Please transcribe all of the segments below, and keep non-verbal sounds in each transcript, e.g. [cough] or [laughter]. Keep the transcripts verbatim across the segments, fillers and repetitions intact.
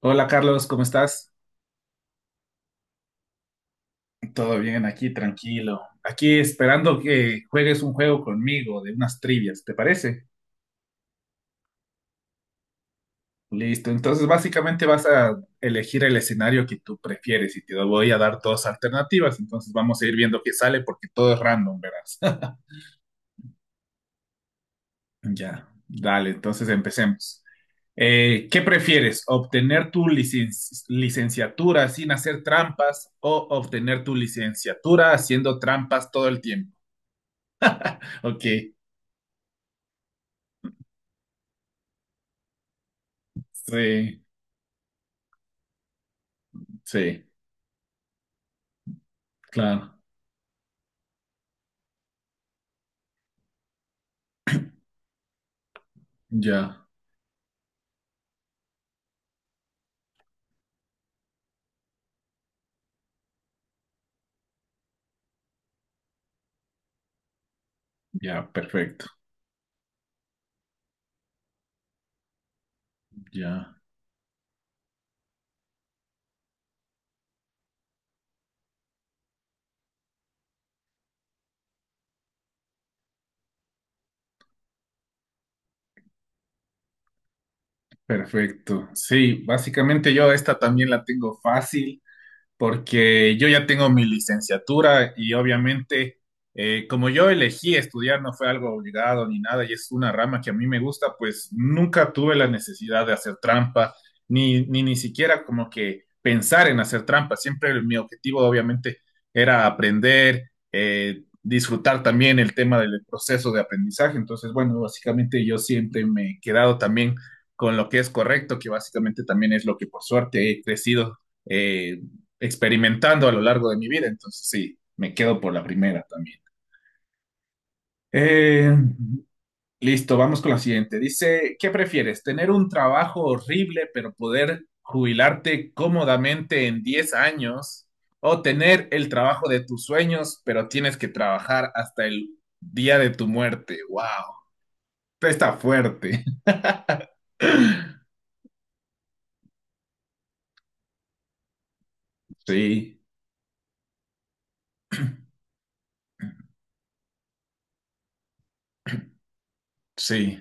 Hola Carlos, ¿cómo estás? Todo bien aquí, tranquilo. Aquí esperando que juegues un juego conmigo de unas trivias, ¿te parece? Listo, entonces básicamente vas a elegir el escenario que tú prefieres y te voy a dar dos alternativas, entonces vamos a ir viendo qué sale porque todo es random, verás. [laughs] Ya, dale, entonces empecemos. Eh, ¿qué prefieres? ¿Obtener tu licen- licenciatura sin hacer trampas o obtener tu licenciatura haciendo trampas todo el tiempo? [laughs] Ok, sí. Sí, claro, ya, ya, perfecto, ya, perfecto. Sí, básicamente yo esta también la tengo fácil, porque yo ya tengo mi licenciatura y obviamente, eh, como yo elegí estudiar, no fue algo obligado ni nada y es una rama que a mí me gusta, pues nunca tuve la necesidad de hacer trampa, ni ni, ni siquiera como que pensar en hacer trampa. Siempre mi objetivo, obviamente, era aprender, eh, disfrutar también el tema del proceso de aprendizaje. Entonces, bueno, básicamente yo siempre me he quedado también con lo que es correcto, que básicamente también es lo que por suerte he crecido eh, experimentando a lo largo de mi vida. Entonces, sí, me quedo por la primera también. Eh, listo, vamos con la siguiente. Dice, ¿qué prefieres? ¿Tener un trabajo horrible pero poder jubilarte cómodamente en diez años? ¿O tener el trabajo de tus sueños pero tienes que trabajar hasta el día de tu muerte? ¡Wow! Está fuerte. [laughs] Sí, sí,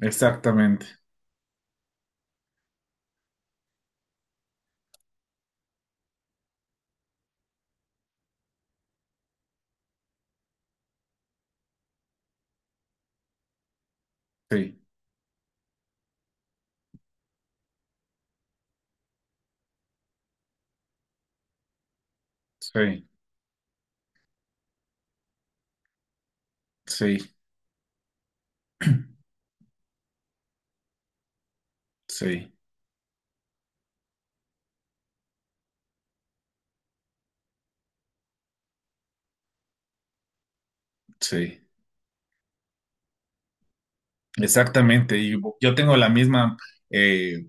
exactamente. Sí, sí, sí, sí, sí. Exactamente, y yo tengo la misma, eh,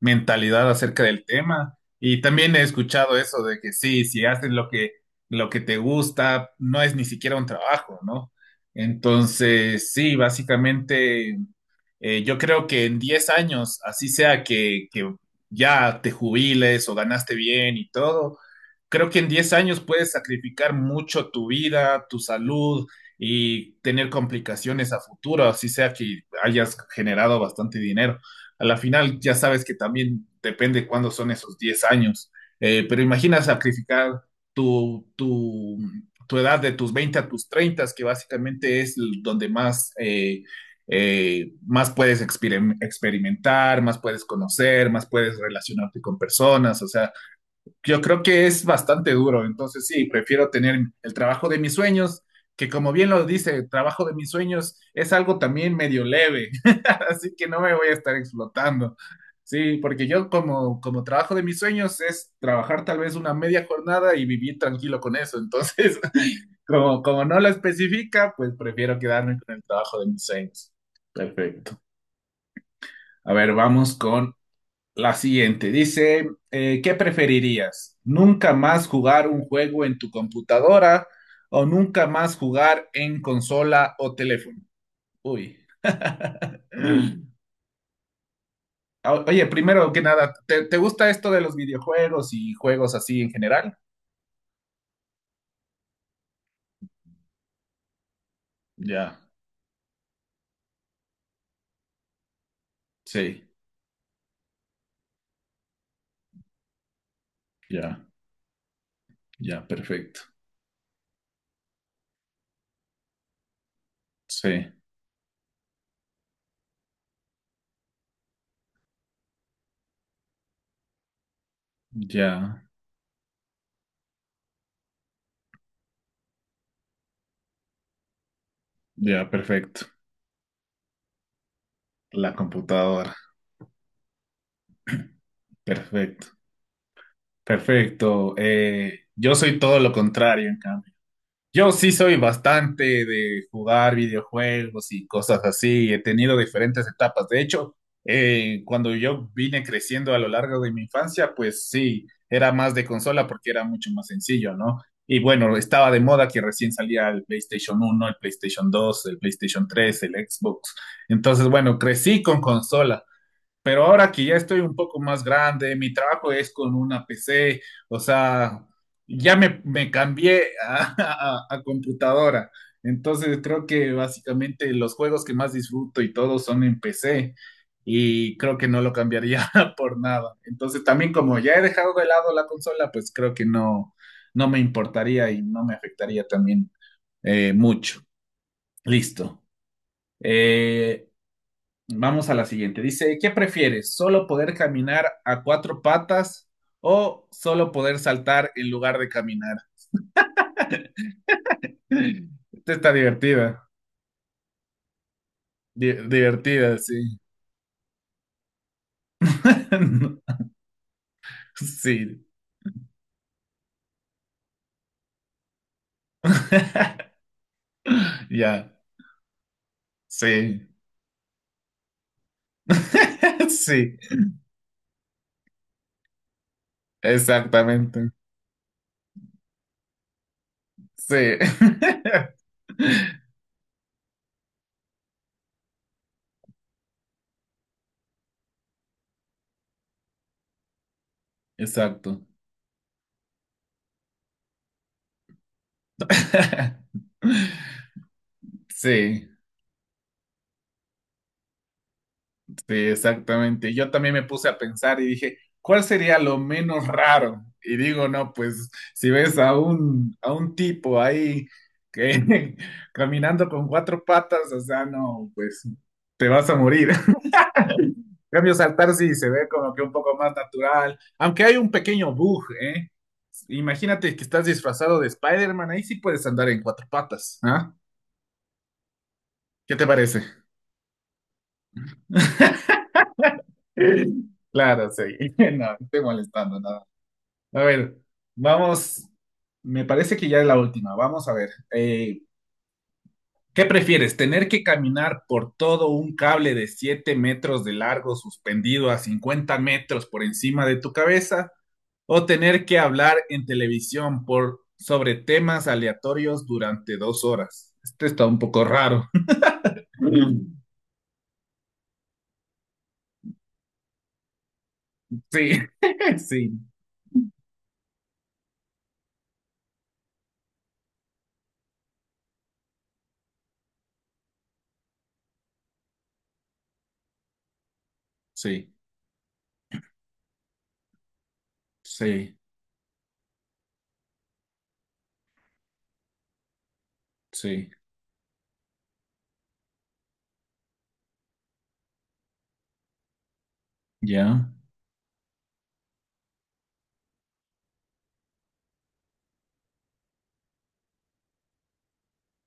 mentalidad acerca del tema, y también he escuchado eso de que sí, si haces lo que, lo que te gusta, no es ni siquiera un trabajo, ¿no? Entonces, sí, básicamente, eh, yo creo que en diez años, así sea que, que ya te jubiles o ganaste bien y todo, creo que en diez años puedes sacrificar mucho tu vida, tu salud y tener complicaciones a futuro, así sea que hayas generado bastante dinero. A la final ya sabes que también depende cuándo son esos diez años. Eh, pero imagina sacrificar tu, tu, tu edad de tus veinte a tus treinta, que básicamente es donde más... eh, eh, más puedes experim- experimentar, más puedes conocer, más puedes relacionarte con personas. O sea, yo creo que es bastante duro. Entonces, sí, prefiero tener el trabajo de mis sueños, que como bien lo dice, el trabajo de mis sueños es algo también medio leve, [laughs] así que no me voy a estar explotando. Sí, porque yo como, como trabajo de mis sueños es trabajar tal vez una media jornada y vivir tranquilo con eso. Entonces, [laughs] como, como no lo especifica, pues prefiero quedarme con el trabajo de mis sueños. Perfecto. A ver, vamos con la siguiente. Dice, eh, ¿qué preferirías? ¿Nunca más jugar un juego en tu computadora o nunca más jugar en consola o teléfono? Uy. [clears throat] Uy. O- Oye, primero que nada, ¿te, te gusta esto de los videojuegos y juegos así en general? Ya, sí, ya, ya, perfecto. Sí, ya, ya, perfecto. La computadora. Perfecto, perfecto. Eh, yo soy todo lo contrario, en cambio. Yo sí soy bastante de jugar videojuegos y cosas así. He tenido diferentes etapas. De hecho, eh, cuando yo vine creciendo a lo largo de mi infancia, pues sí, era más de consola porque era mucho más sencillo, ¿no? Y bueno, estaba de moda que recién salía el PlayStation uno, el PlayStation dos, el PlayStation tres, el Xbox. Entonces, bueno, crecí con consolas. Pero ahora que ya estoy un poco más grande, mi trabajo es con una P C, o sea, ya me, me cambié a, [laughs] a- a computadora. Entonces creo que básicamente los juegos que más disfruto y todo son en P C y creo que no lo cambiaría [laughs] por nada. Entonces también, como ya he dejado de lado la consola, pues creo que no, no me importaría y no me afectaría también, eh, mucho. Listo. Eh, Vamos a la siguiente. Dice, ¿qué prefieres? ¿Solo poder caminar a cuatro patas o solo poder saltar en lugar de caminar? [laughs] Esta está divertida. Di- divertida, sí. [laughs] Sí. [laughs] Ya, sí. [laughs] Sí, exactamente. Sí. [laughs] Exacto. [laughs] Sí. Sí, exactamente. Yo también me puse a pensar y dije, ¿cuál sería lo menos raro? Y digo, no, pues si ves a un, a un tipo ahí que [laughs] caminando con cuatro patas, o sea, no, pues te vas a morir. [laughs] En cambio, saltar sí se ve como que un poco más natural, aunque hay un pequeño bug, ¿eh? Imagínate que estás disfrazado de Spider-Man, ahí sí puedes andar en cuatro patas, ¿ah? ¿Qué te parece? [laughs] Claro, sí. [laughs] No, estoy molestando, nada. A ver, vamos, me parece que ya es la última. Vamos a ver. Eh, ¿qué prefieres? ¿Tener que caminar por todo un cable de siete metros de largo suspendido a cincuenta metros por encima de tu cabeza? ¿O tener que hablar en televisión por, sobre temas aleatorios durante dos horas? Esto está un poco raro. [laughs] Sí, [laughs] sí, sí, sí, sí, ya,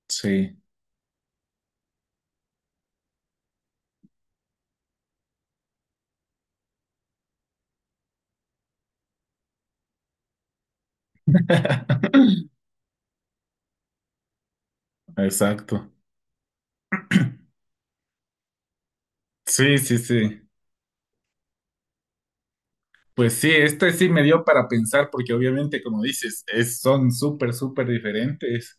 sí. [laughs] Exacto. Sí, sí, sí. Pues sí, este sí me dio para pensar porque obviamente, como dices, es, son súper, súper diferentes.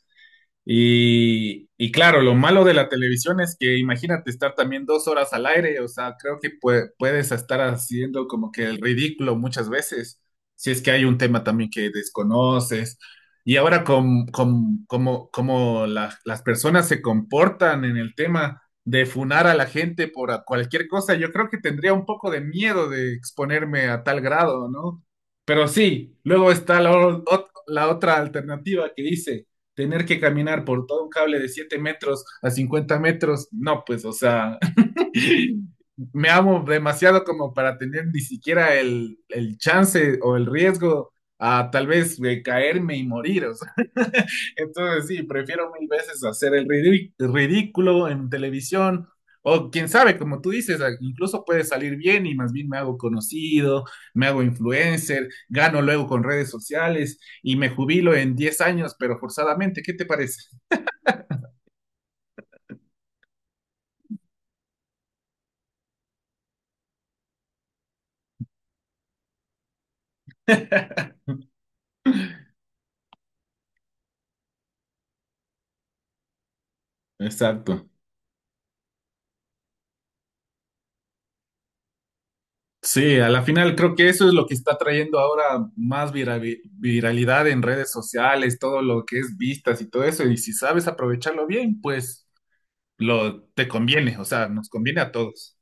Y, y claro, lo malo de la televisión es que imagínate estar también dos horas al aire, o sea, creo que pue- puedes estar haciendo como que el ridículo muchas veces, si es que hay un tema también que desconoces. Y ahora con, con- como, como la- las personas se comportan en el tema de funar a la gente por a- cualquier cosa, yo creo que tendría un poco de miedo de exponerme a tal grado, ¿no? Pero sí, luego está la o- ot- la otra alternativa que dice tener que caminar por todo un cable de siete metros a cincuenta metros, no, pues, o sea, [laughs] me amo demasiado como para tener ni siquiera el, el chance o el riesgo a tal vez, eh, caerme y morir. O sea. [laughs] Entonces sí, prefiero mil veces hacer el ridí- ridículo en televisión, o quién sabe, como tú dices, a- incluso puede salir bien y más bien me hago conocido, me hago influencer, gano luego con redes sociales y me jubilo en diez años, pero forzadamente. ¿Qué te parece? Exacto. Sí, a la final creo que eso es lo que está trayendo ahora más vira- vi- viralidad en redes sociales, todo lo que es vistas y todo eso. Y si sabes aprovecharlo bien, pues lo te conviene, o sea, nos conviene a todos.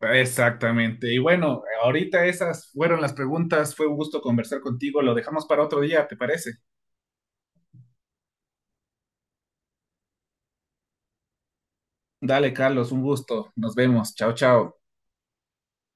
Exactamente. Y bueno, ahorita esas fueron las preguntas. Fue un gusto conversar contigo. Lo dejamos para otro día, ¿te parece? Dale, Carlos, un gusto. Nos vemos. Chao, chao.